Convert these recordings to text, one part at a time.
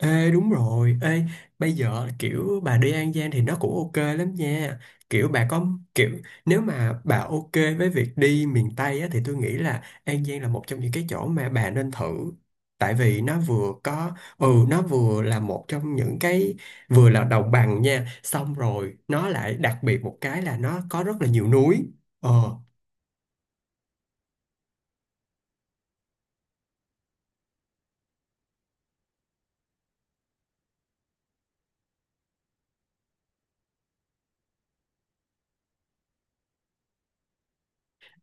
Ê, đúng rồi. Bây giờ kiểu bà đi An Giang thì nó cũng ok lắm nha. Kiểu bà có kiểu Nếu mà bà ok với việc đi miền Tây á, thì tôi nghĩ là An Giang là một trong những cái chỗ mà bà nên thử. Tại vì nó vừa có nó vừa là một trong những cái vừa là đồng bằng nha, xong rồi nó lại đặc biệt một cái là nó có rất là nhiều núi. Ờ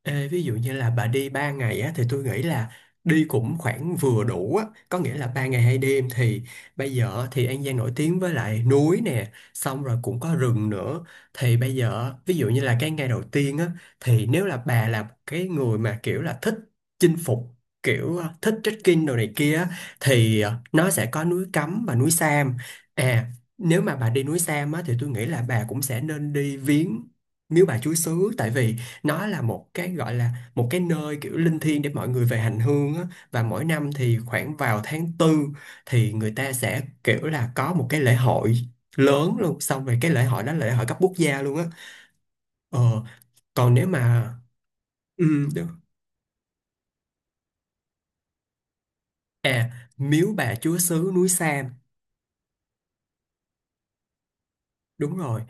Ê, ví dụ như là bà đi 3 ngày á, thì tôi nghĩ là đi cũng khoảng vừa đủ á, có nghĩa là 3 ngày hai đêm. Thì bây giờ thì An Giang nổi tiếng với lại núi nè, xong rồi cũng có rừng nữa. Thì bây giờ ví dụ như là cái ngày đầu tiên á, thì nếu là bà là cái người mà kiểu là thích chinh phục, kiểu thích trekking đồ này kia á, thì nó sẽ có núi Cấm và núi Sam. À, nếu mà bà đi núi Sam á, thì tôi nghĩ là bà cũng sẽ nên đi viếng Miếu Bà Chúa Xứ, tại vì nó là một cái gọi là một cái nơi kiểu linh thiêng để mọi người về hành hương á. Và mỗi năm thì khoảng vào tháng tư thì người ta sẽ kiểu là có một cái lễ hội lớn luôn, xong rồi cái lễ hội đó là lễ hội cấp quốc gia luôn á. ờ Còn nếu mà ừ, đúng. À, miếu bà chúa xứ núi Sam, đúng rồi.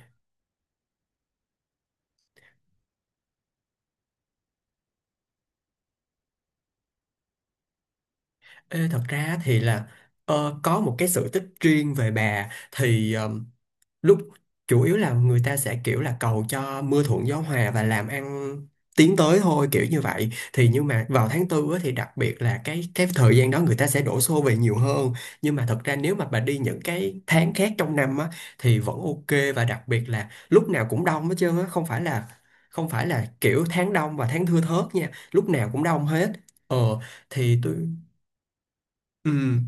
Ê, thật ra thì là có một cái sự tích riêng về bà, thì ờ, lúc chủ yếu là người ta sẽ kiểu là cầu cho mưa thuận gió hòa và làm ăn tiến tới thôi, kiểu như vậy. Thì nhưng mà vào tháng tư á, thì đặc biệt là cái thời gian đó người ta sẽ đổ xô về nhiều hơn. Nhưng mà thật ra nếu mà bà đi những cái tháng khác trong năm á, thì vẫn ok, và đặc biệt là lúc nào cũng đông hết trơn á. Không phải là kiểu tháng đông và tháng thưa thớt nha, lúc nào cũng đông hết. Ờ thì tôi ừ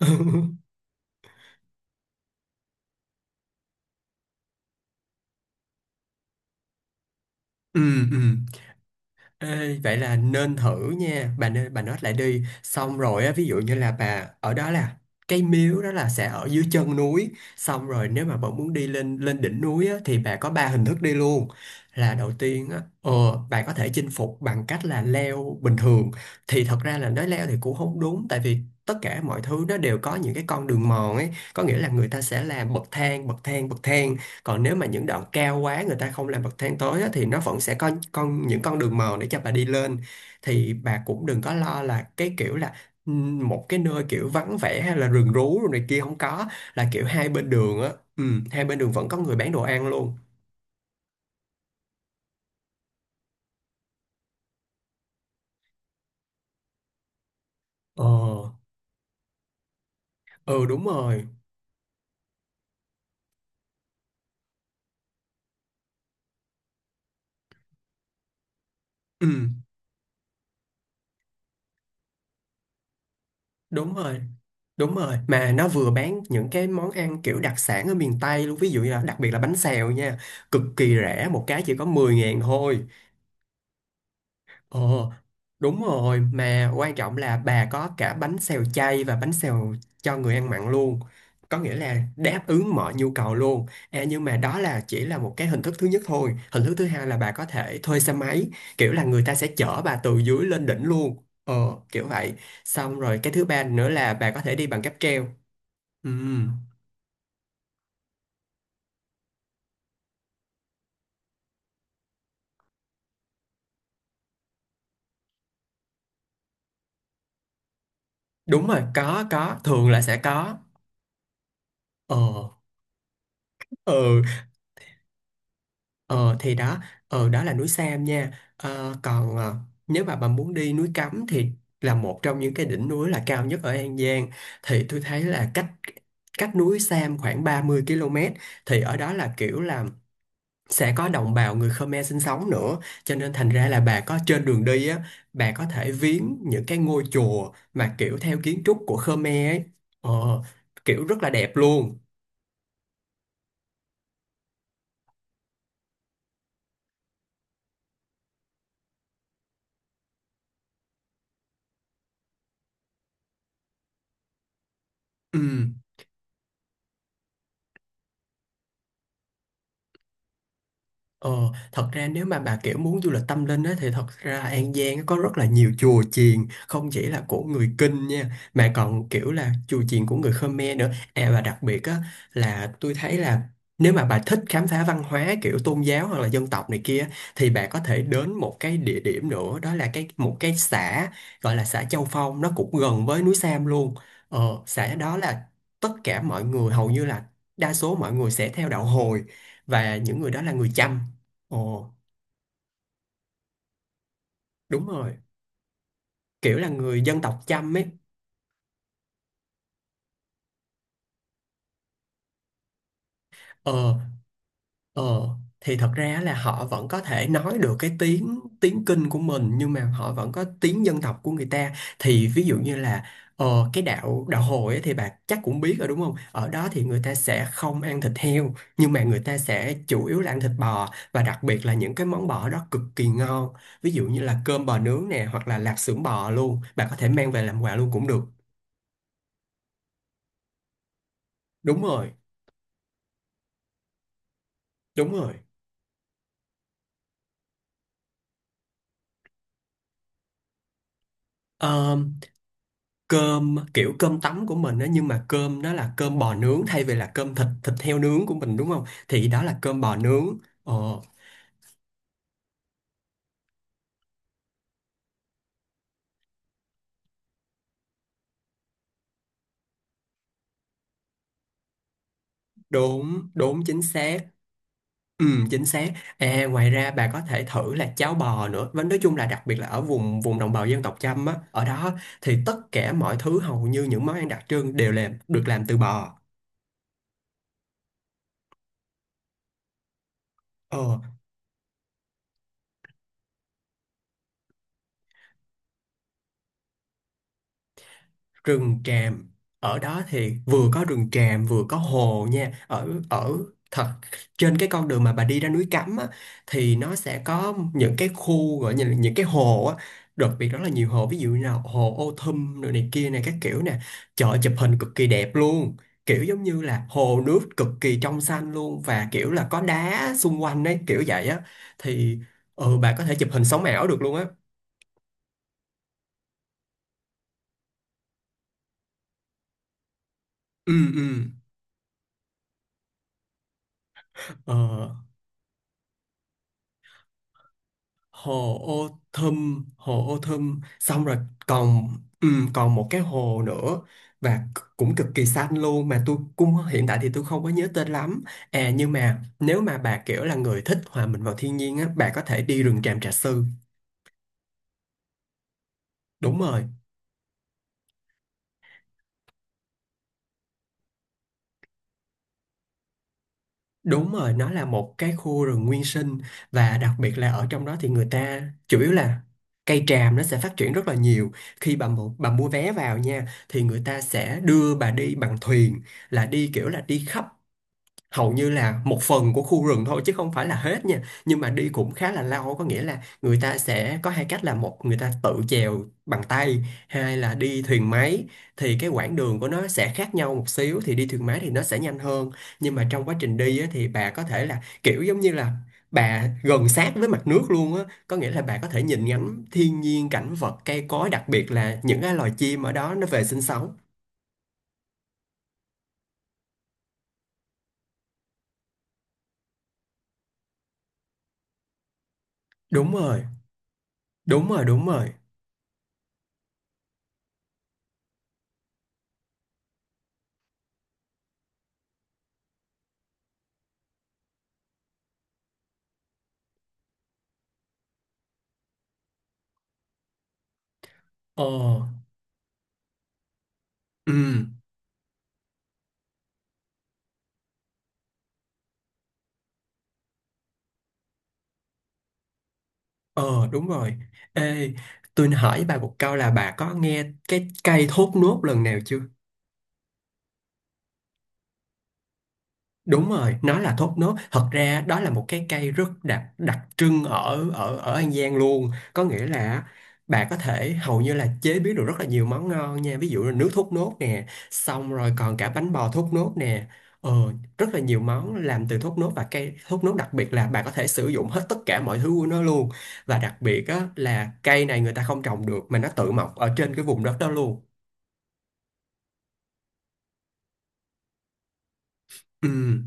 ừ, ừ. Ê, vậy là nên thử nha bà. Nên bà nói lại đi, xong rồi á, ví dụ như là bà ở đó là cái miếu đó là sẽ ở dưới chân núi. Xong rồi nếu mà bà muốn đi lên lên đỉnh núi á, thì bà có ba hình thức đi luôn. Là đầu tiên á, bà có thể chinh phục bằng cách là leo bình thường. Thì thật ra là nói leo thì cũng không đúng, tại vì tất cả mọi thứ nó đều có những cái con đường mòn ấy, có nghĩa là người ta sẽ làm bậc thang, bậc thang, bậc thang. Còn nếu mà những đoạn cao quá người ta không làm bậc thang tối á, thì nó vẫn sẽ có những con đường mòn để cho bà đi lên. Thì bà cũng đừng có lo là cái kiểu là một cái nơi kiểu vắng vẻ hay là rừng rú rồi này kia, không có. Là kiểu hai bên đường á, hai bên đường vẫn có người bán đồ ăn luôn. ờ ừ, đúng rồi. Ừm, đúng rồi, đúng rồi. Mà nó vừa bán những cái món ăn kiểu đặc sản ở miền Tây luôn, ví dụ như là đặc biệt là bánh xèo nha, cực kỳ rẻ, một cái chỉ có 10 ngàn thôi. Ồ, đúng rồi, mà quan trọng là bà có cả bánh xèo chay và bánh xèo cho người ăn mặn luôn. Có nghĩa là đáp ứng mọi nhu cầu luôn. À, nhưng mà đó là chỉ là một cái hình thức thứ nhất thôi. Hình thức thứ hai là bà có thể thuê xe máy, kiểu là người ta sẽ chở bà từ dưới lên đỉnh luôn. Ờ, Kiểu vậy. Xong rồi cái thứ ba nữa là bà có thể đi bằng cáp treo. Ừ, đúng rồi, có, thường là sẽ có. Ờ, ừ. Ờ thì Đó, đó là núi Sam nha. Ờ, còn nếu mà bà muốn đi núi Cấm thì là một trong những cái đỉnh núi là cao nhất ở An Giang. Thì tôi thấy là cách cách núi Sam khoảng 30 km. Thì ở đó là kiểu là sẽ có đồng bào người Khmer sinh sống nữa, cho nên thành ra là bà có, trên đường đi á, bà có thể viếng những cái ngôi chùa mà kiểu theo kiến trúc của Khmer ấy, ờ, kiểu rất là đẹp luôn. ừ. Ờ, Thật ra nếu mà bà kiểu muốn du lịch tâm linh á, thì thật ra An Giang á có rất là nhiều chùa chiền, không chỉ là của người Kinh nha mà còn kiểu là chùa chiền của người Khmer nữa. À, và đặc biệt á, là tôi thấy là nếu mà bà thích khám phá văn hóa kiểu tôn giáo hoặc là dân tộc này kia, thì bà có thể đến một cái địa điểm nữa, đó là một cái xã gọi là xã Châu Phong, nó cũng gần với núi Sam luôn. Ờ, xã đó là tất cả mọi người hầu như là đa số mọi người sẽ theo đạo Hồi, và những người đó là người Chăm. Ồ, đúng rồi. Kiểu là người dân tộc Chăm ấy. Ờ, ờ. Thì thật ra là họ vẫn có thể nói được cái tiếng tiếng Kinh của mình, nhưng mà họ vẫn có tiếng dân tộc của người ta. Thì ví dụ như là cái đạo đạo Hồi ấy, thì bà chắc cũng biết rồi đúng không? Ở đó thì người ta sẽ không ăn thịt heo, nhưng mà người ta sẽ chủ yếu là ăn thịt bò, và đặc biệt là những cái món bò đó cực kỳ ngon. Ví dụ như là cơm bò nướng nè, hoặc là lạp xưởng bò luôn. Bà có thể mang về làm quà luôn cũng được. Đúng rồi, đúng rồi. Cơm kiểu cơm tấm của mình á, nhưng mà cơm đó là cơm bò nướng thay vì là cơm thịt thịt heo nướng của mình, đúng không? Thì đó là cơm bò nướng. ờ Đúng, đúng, chính xác. ừ Chính xác. À, ngoài ra bà có thể thử là cháo bò nữa. Và nói chung là đặc biệt là ở vùng vùng đồng bào dân tộc Chăm á, ở đó thì tất cả mọi thứ hầu như những món ăn đặc trưng đều làm được làm từ bò. ờ Rừng tràm, ở đó thì vừa có rừng tràm vừa có hồ nha. Ở ở thật Trên cái con đường mà bà đi ra núi Cấm á, thì nó sẽ có những cái khu gọi như là những cái hồ á, đặc biệt rất là nhiều hồ, ví dụ như là hồ Ô Thum rồi này kia này các kiểu nè, chợ chụp hình cực kỳ đẹp luôn. Kiểu giống như là hồ nước cực kỳ trong xanh luôn và kiểu là có đá xung quanh đấy, kiểu vậy á. Thì ừ Bà có thể chụp hình sống ảo được luôn á. ừ ừ Ờ, hồ Ô Thâm, hồ Ô Thâm. Xong rồi còn ừ, còn một cái hồ nữa, cũng cực kỳ xanh luôn, mà tôi cũng hiện tại thì tôi không có nhớ tên lắm. À, nhưng mà nếu mà bà kiểu là người thích hòa mình vào thiên nhiên á, bà có thể đi rừng Tràm Trà Sư. Đúng rồi, đúng rồi, nó là một cái khu rừng nguyên sinh, và đặc biệt là ở trong đó thì người ta chủ yếu là cây tràm nó sẽ phát triển rất là nhiều. Khi bà mua vé vào nha, thì người ta sẽ đưa bà đi bằng thuyền, là đi kiểu là đi khắp hầu như là một phần của khu rừng thôi, chứ không phải là hết nha. Nhưng mà đi cũng khá là lâu, có nghĩa là người ta sẽ có hai cách, là một người ta tự chèo bằng tay, hai là đi thuyền máy. Thì cái quãng đường của nó sẽ khác nhau một xíu, thì đi thuyền máy thì nó sẽ nhanh hơn. Nhưng mà trong quá trình đi á, thì bà có thể là kiểu giống như là bà gần sát với mặt nước luôn á, có nghĩa là bà có thể nhìn ngắm thiên nhiên, cảnh vật, cây cối, đặc biệt là những cái loài chim ở đó nó về sinh sống. Đúng rồi đúng rồi đúng rồi. ờ ừ Ờ, đúng rồi. Ê, tôi hỏi bà một câu là bà có nghe cái cây thốt nốt lần nào chưa? Đúng rồi, nó là thốt nốt. Thật ra đó là một cái cây rất đặc đặc trưng ở ở ở An Giang luôn. Có nghĩa là bà có thể hầu như là chế biến được rất là nhiều món ngon nha. Ví dụ là nước thốt nốt nè, xong rồi còn cả bánh bò thốt nốt nè. Ờ, rất là nhiều món làm từ thốt nốt, và cây thốt nốt đặc biệt là bà có thể sử dụng hết tất cả mọi thứ của nó luôn. Và đặc biệt á, là cây này người ta không trồng được, mà nó tự mọc ở trên cái vùng đất đó luôn. Ừ.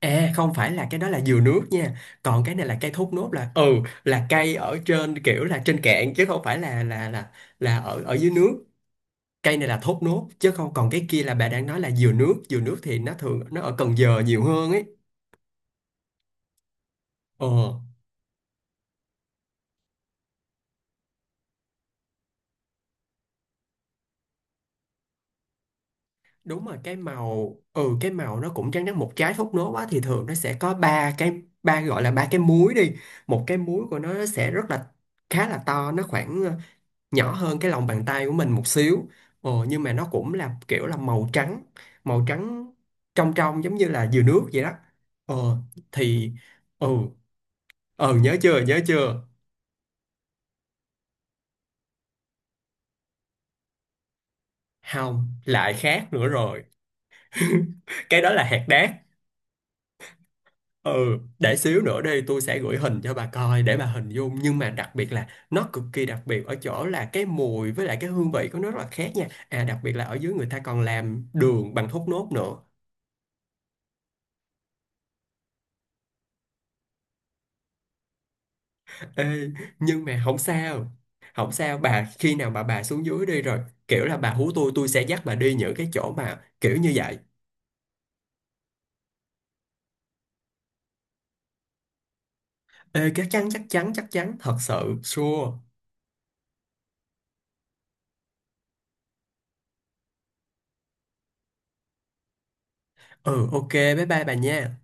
Ê, không phải, là cái đó là dừa nước nha, còn cái này là cây thốt nốt, là ừ, là cây ở trên kiểu là trên cạn, chứ không phải là là ở ở dưới nước. Cây này là thốt nốt, chứ không, còn cái kia là bà đang nói là dừa nước. Dừa nước thì nó thường nó ở Cần Giờ nhiều hơn ấy. Ờ, đúng rồi, cái màu, cái màu nó cũng trắng trắng. Một trái thốt nốt á, thì thường nó sẽ có ba cái, ba gọi là ba cái múi đi. Một cái múi của nó sẽ rất là khá là to, nó khoảng nhỏ hơn cái lòng bàn tay của mình một xíu. Ờ, nhưng mà nó cũng là kiểu là màu trắng, màu trắng trong trong, giống như là dừa nước vậy đó. Ờ thì ừ Ừ, nhớ chưa, nhớ chưa? Không, lại khác nữa rồi. Cái đó là hạt đác. Ừ, để xíu nữa đi tôi sẽ gửi hình cho bà coi để bà hình dung. Nhưng mà đặc biệt là nó cực kỳ đặc biệt ở chỗ là cái mùi với lại cái hương vị của nó rất là khác nha. À, đặc biệt là ở dưới người ta còn làm đường bằng thốt nốt nữa. Ê, nhưng mà không sao, không sao bà. Khi nào mà bà xuống dưới đi rồi, kiểu là bà hú tôi sẽ dắt bà đi những cái chỗ mà kiểu như vậy. Ê, chắc chắn, chắc chắn, chắc chắn, thật sự sure. Ừ, ok, bye bye bà nha.